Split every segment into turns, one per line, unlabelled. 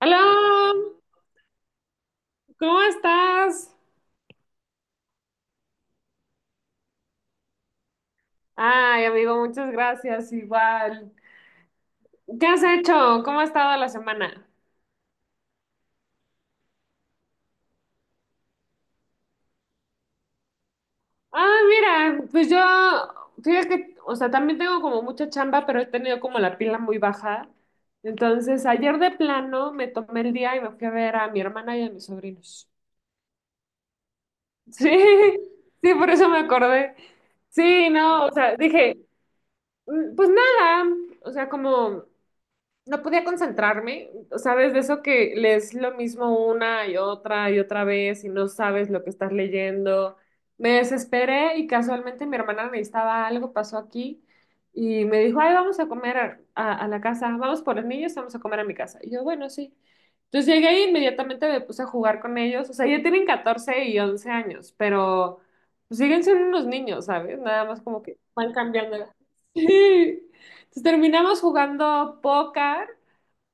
Hola, ¿cómo estás? Ay, amigo, muchas gracias, igual. ¿Qué has hecho? ¿Cómo ha estado la semana? Ah, mira, pues yo, fíjate que, o sea, también tengo como mucha chamba, pero he tenido como la pila muy baja. Entonces, ayer de plano me tomé el día y me fui a ver a mi hermana y a mis sobrinos. Sí, sí, por eso me acordé. Sí, no, o sea, dije, "Mm, pues nada, o sea, como no podía concentrarme, ¿sabes?" De eso que lees lo mismo una y otra vez y no sabes lo que estás leyendo. Me desesperé y casualmente mi hermana necesitaba algo, pasó aquí y me dijo, ay, vamos a comer a, a la casa, vamos por los niños, vamos a comer a mi casa. Y yo, bueno, sí. Entonces llegué e inmediatamente me puse a jugar con ellos. O sea, ya tienen 14 y 11 años, pero pues, siguen siendo unos niños, ¿sabes? Nada más como que van cambiando. Sí. Entonces terminamos jugando póker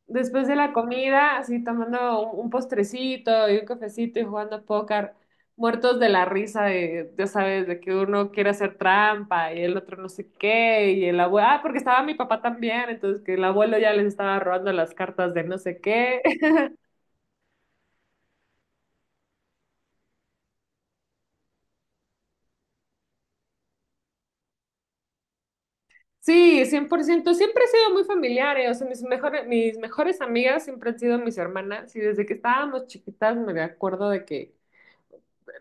Después de la comida, así tomando un postrecito y un cafecito y jugando póker, muertos de la risa de, ya sabes, de que uno quiere hacer trampa y el otro no sé qué, y el abuelo, ah, porque estaba mi papá también, entonces que el abuelo ya les estaba robando las cartas de no sé qué. Sí, 100% siempre he sido muy familiar, o sea, mis mejores amigas siempre han sido mis hermanas y desde que estábamos chiquitas me acuerdo de que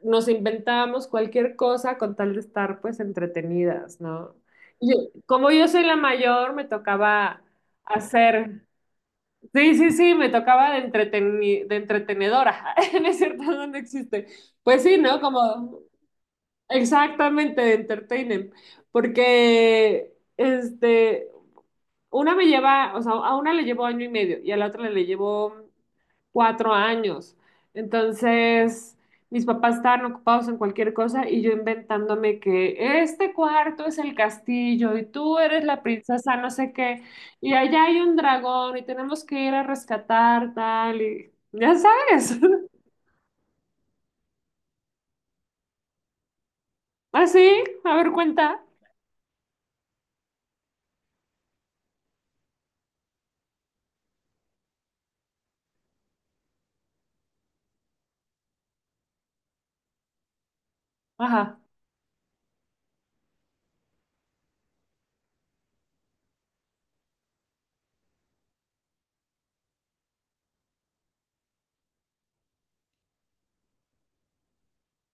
nos inventábamos cualquier cosa con tal de estar pues entretenidas, ¿no? Y como yo soy la mayor, me tocaba hacer, sí, sí, sí, me tocaba de entretenedora, no es cierto, no no existe. Pues sí, ¿no? Como exactamente de entertainer, porque este, una me lleva, o sea, a una le llevo año y medio y a la otra le llevo 4 años. Entonces, mis papás estaban ocupados en cualquier cosa y yo inventándome que este cuarto es el castillo y tú eres la princesa, no sé qué, y allá hay un dragón y tenemos que ir a rescatar tal y ya sabes. Así, a ver, cuenta. Ajá.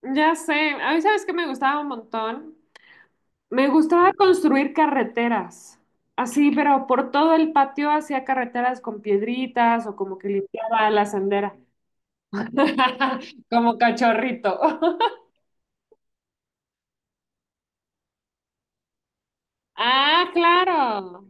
Ya sé, a mí sabes que me gustaba un montón. Me gustaba construir carreteras, así, pero por todo el patio hacía carreteras con piedritas o como que limpiaba la sendera, como cachorrito. Ah, claro.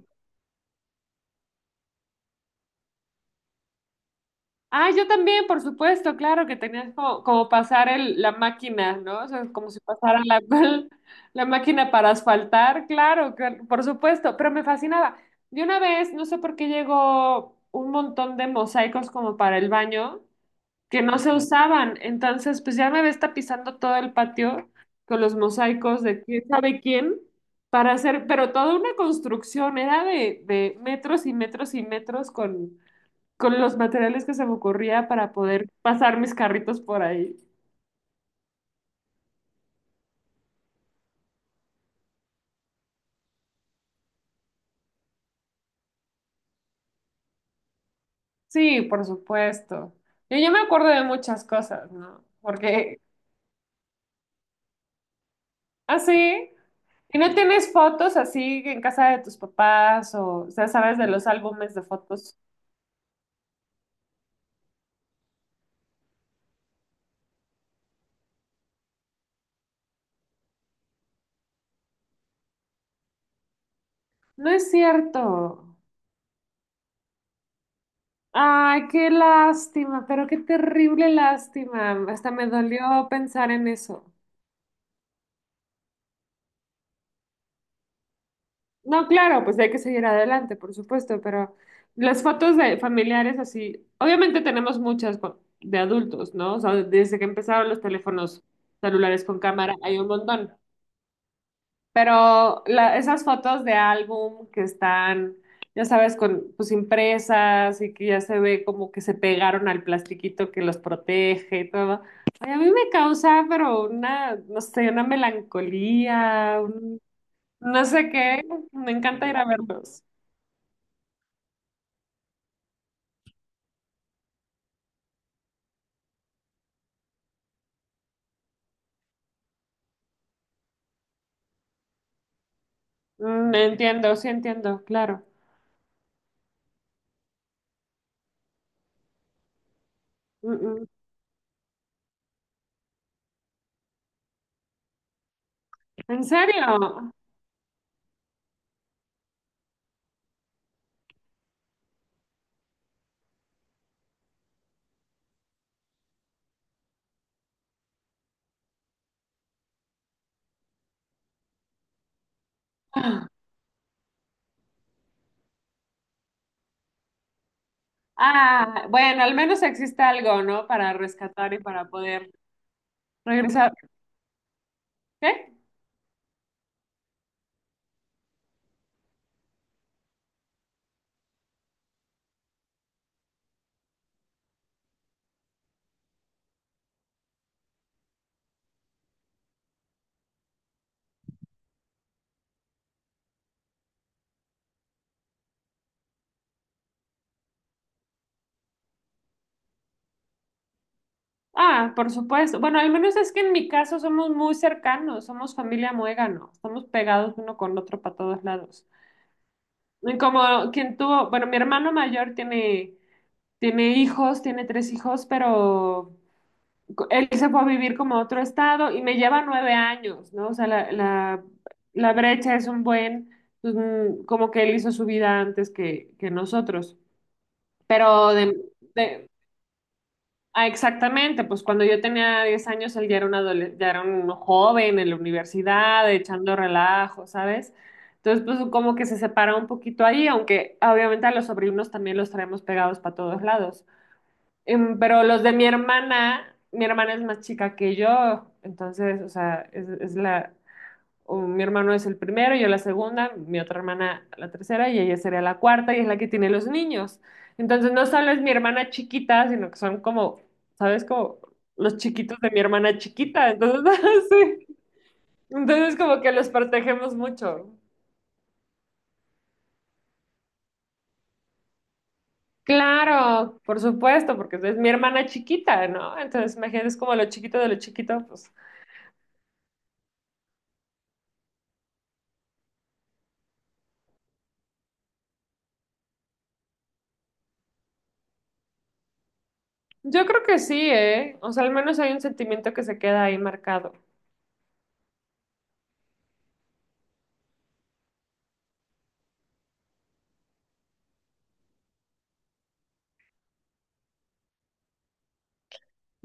Ah, yo también, por supuesto, claro que tenías como pasar el, la máquina, ¿no? O sea, como si pasara la, la máquina para asfaltar, claro, por supuesto, pero me fascinaba. De una vez, no sé por qué llegó un montón de mosaicos como para el baño que no se usaban. Entonces, pues ya me ves tapizando todo el patio con los mosaicos de quién sabe quién para hacer, pero toda una construcción, era de, metros y metros y metros con los materiales que se me ocurría para poder pasar mis carritos por ahí. Sí, por supuesto. Yo me acuerdo de muchas cosas, ¿no? Porque así, ¿y no tienes fotos así en casa de tus papás o sea, sabes de los álbumes de fotos? No es cierto. Ay, qué lástima, pero qué terrible lástima. Hasta me dolió pensar en eso. No, claro, pues hay que seguir adelante, por supuesto, pero las fotos de familiares así, obviamente tenemos muchas de adultos, ¿no? O sea, desde que empezaron los teléfonos celulares con cámara hay un montón. Pero esas fotos de álbum que están, ya sabes, con pues impresas y que ya se ve como que se pegaron al plastiquito que los protege y todo. Ay, a mí me causa, pero una, no sé, una melancolía, no sé qué. Me encanta ir a verlos. Entiendo, sí entiendo, claro. Mm, mm. ¿En serio? Ah, bueno, al menos existe algo, ¿no? Para rescatar y para poder regresar. ¿Qué? Ah, por supuesto. Bueno, al menos es que en mi caso somos muy cercanos, somos familia muégano, estamos pegados uno con otro para todos lados. Y como quien tuvo, bueno, mi hermano mayor tiene, hijos, tiene tres hijos, pero él se fue a vivir como a otro estado y me lleva 9 años, ¿no? O sea, la brecha es un buen, pues, como que él hizo su vida antes que nosotros. Pero de- Ah, exactamente, pues cuando yo tenía 10 años él ya era ya era un joven en la universidad, echando relajo, ¿sabes? Entonces, pues como que se separa un poquito ahí, aunque obviamente a los sobrinos también los traemos pegados para todos lados. Pero los de mi hermana es más chica que yo, entonces, o sea, mi hermano es el primero, yo la segunda, mi otra hermana la tercera y ella sería la cuarta y es la que tiene los niños. Entonces no solo es mi hermana chiquita, sino que son como, ¿sabes? Como los chiquitos de mi hermana chiquita. Entonces, sí. Entonces como que los protegemos mucho. Claro, por supuesto, porque es mi hermana chiquita, ¿no? Entonces, imagínate, es como lo chiquito de lo chiquito, pues. Yo creo que sí, ¿eh? O sea, al menos hay un sentimiento que se queda ahí marcado.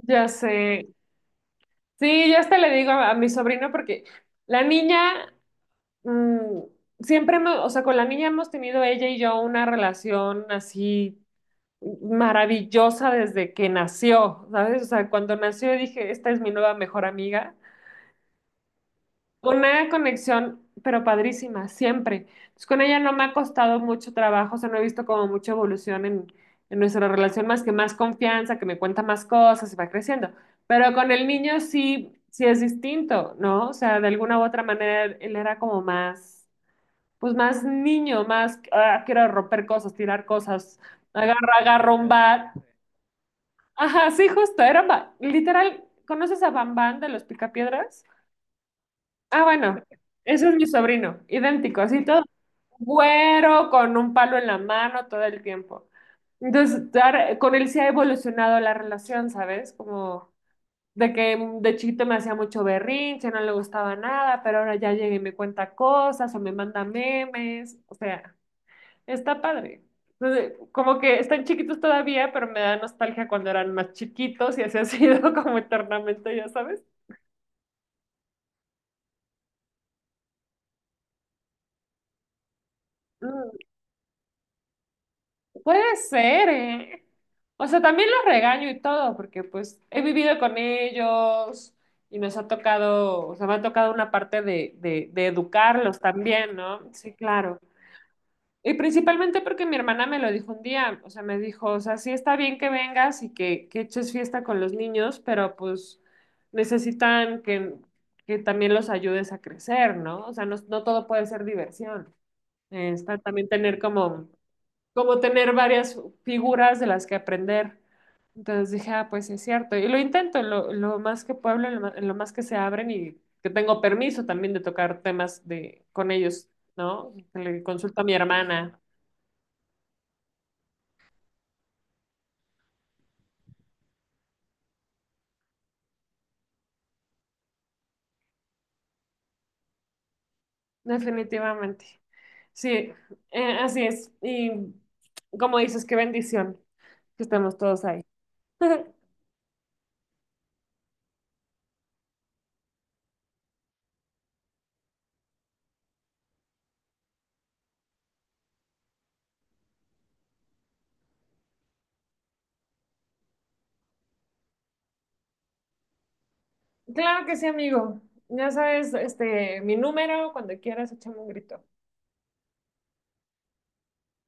Ya sé. Sí, yo hasta le digo a, mi sobrino porque la niña, mm, siempre, o sea, con la niña hemos tenido ella y yo una relación así maravillosa desde que nació, ¿sabes? O sea, cuando nació dije, esta es mi nueva mejor amiga. Una conexión, pero padrísima, siempre. Entonces, con ella no me ha costado mucho trabajo, o sea, no he visto como mucha evolución en nuestra relación, más que más confianza, que me cuenta más cosas y va creciendo. Pero con el niño sí, sí es distinto, ¿no? O sea, de alguna u otra manera él era como más, pues más niño, más, ah, quiero romper cosas, tirar cosas, agarra un bat. Ajá, sí, justo, era, literal, ¿conoces a Bambán de los Picapiedras? Ah, bueno, ese es mi sobrino, idéntico, así todo. Güero, con un palo en la mano todo el tiempo. Entonces, con él sí ha evolucionado la relación, ¿sabes? Como de que de chiquito me hacía mucho berrinche, no le gustaba nada, pero ahora ya llega y me cuenta cosas o me manda memes. O sea, está padre. Entonces, como que están chiquitos todavía, pero me da nostalgia cuando eran más chiquitos y así ha sido como eternamente, ya sabes. Puede ser, ¿eh? O sea, también los regaño y todo, porque pues he vivido con ellos y nos ha tocado, o sea, me ha tocado una parte de educarlos también, ¿no? Sí, claro. Y principalmente porque mi hermana me lo dijo un día, o sea, me dijo, o sea, sí está bien que vengas y que, eches fiesta con los niños, pero pues necesitan que también los ayudes a crecer, ¿no? O sea, no, no todo puede ser diversión. Está también tener como tener varias figuras de las que aprender. Entonces dije, ah, pues sí es cierto. Y lo intento lo más que puedo, en lo más que se abren y que tengo permiso también de tocar temas de, con ellos, ¿no? Le consulto a mi hermana. Definitivamente. Sí, así es. Y como dices, qué bendición que estemos todos ahí. Claro que sí, amigo. Ya sabes, este, mi número, cuando quieras, échame un grito.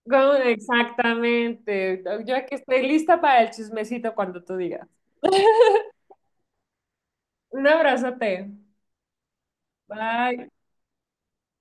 Exactamente. Yo aquí estoy lista para el chismecito cuando tú digas. Un abrazote. Bye.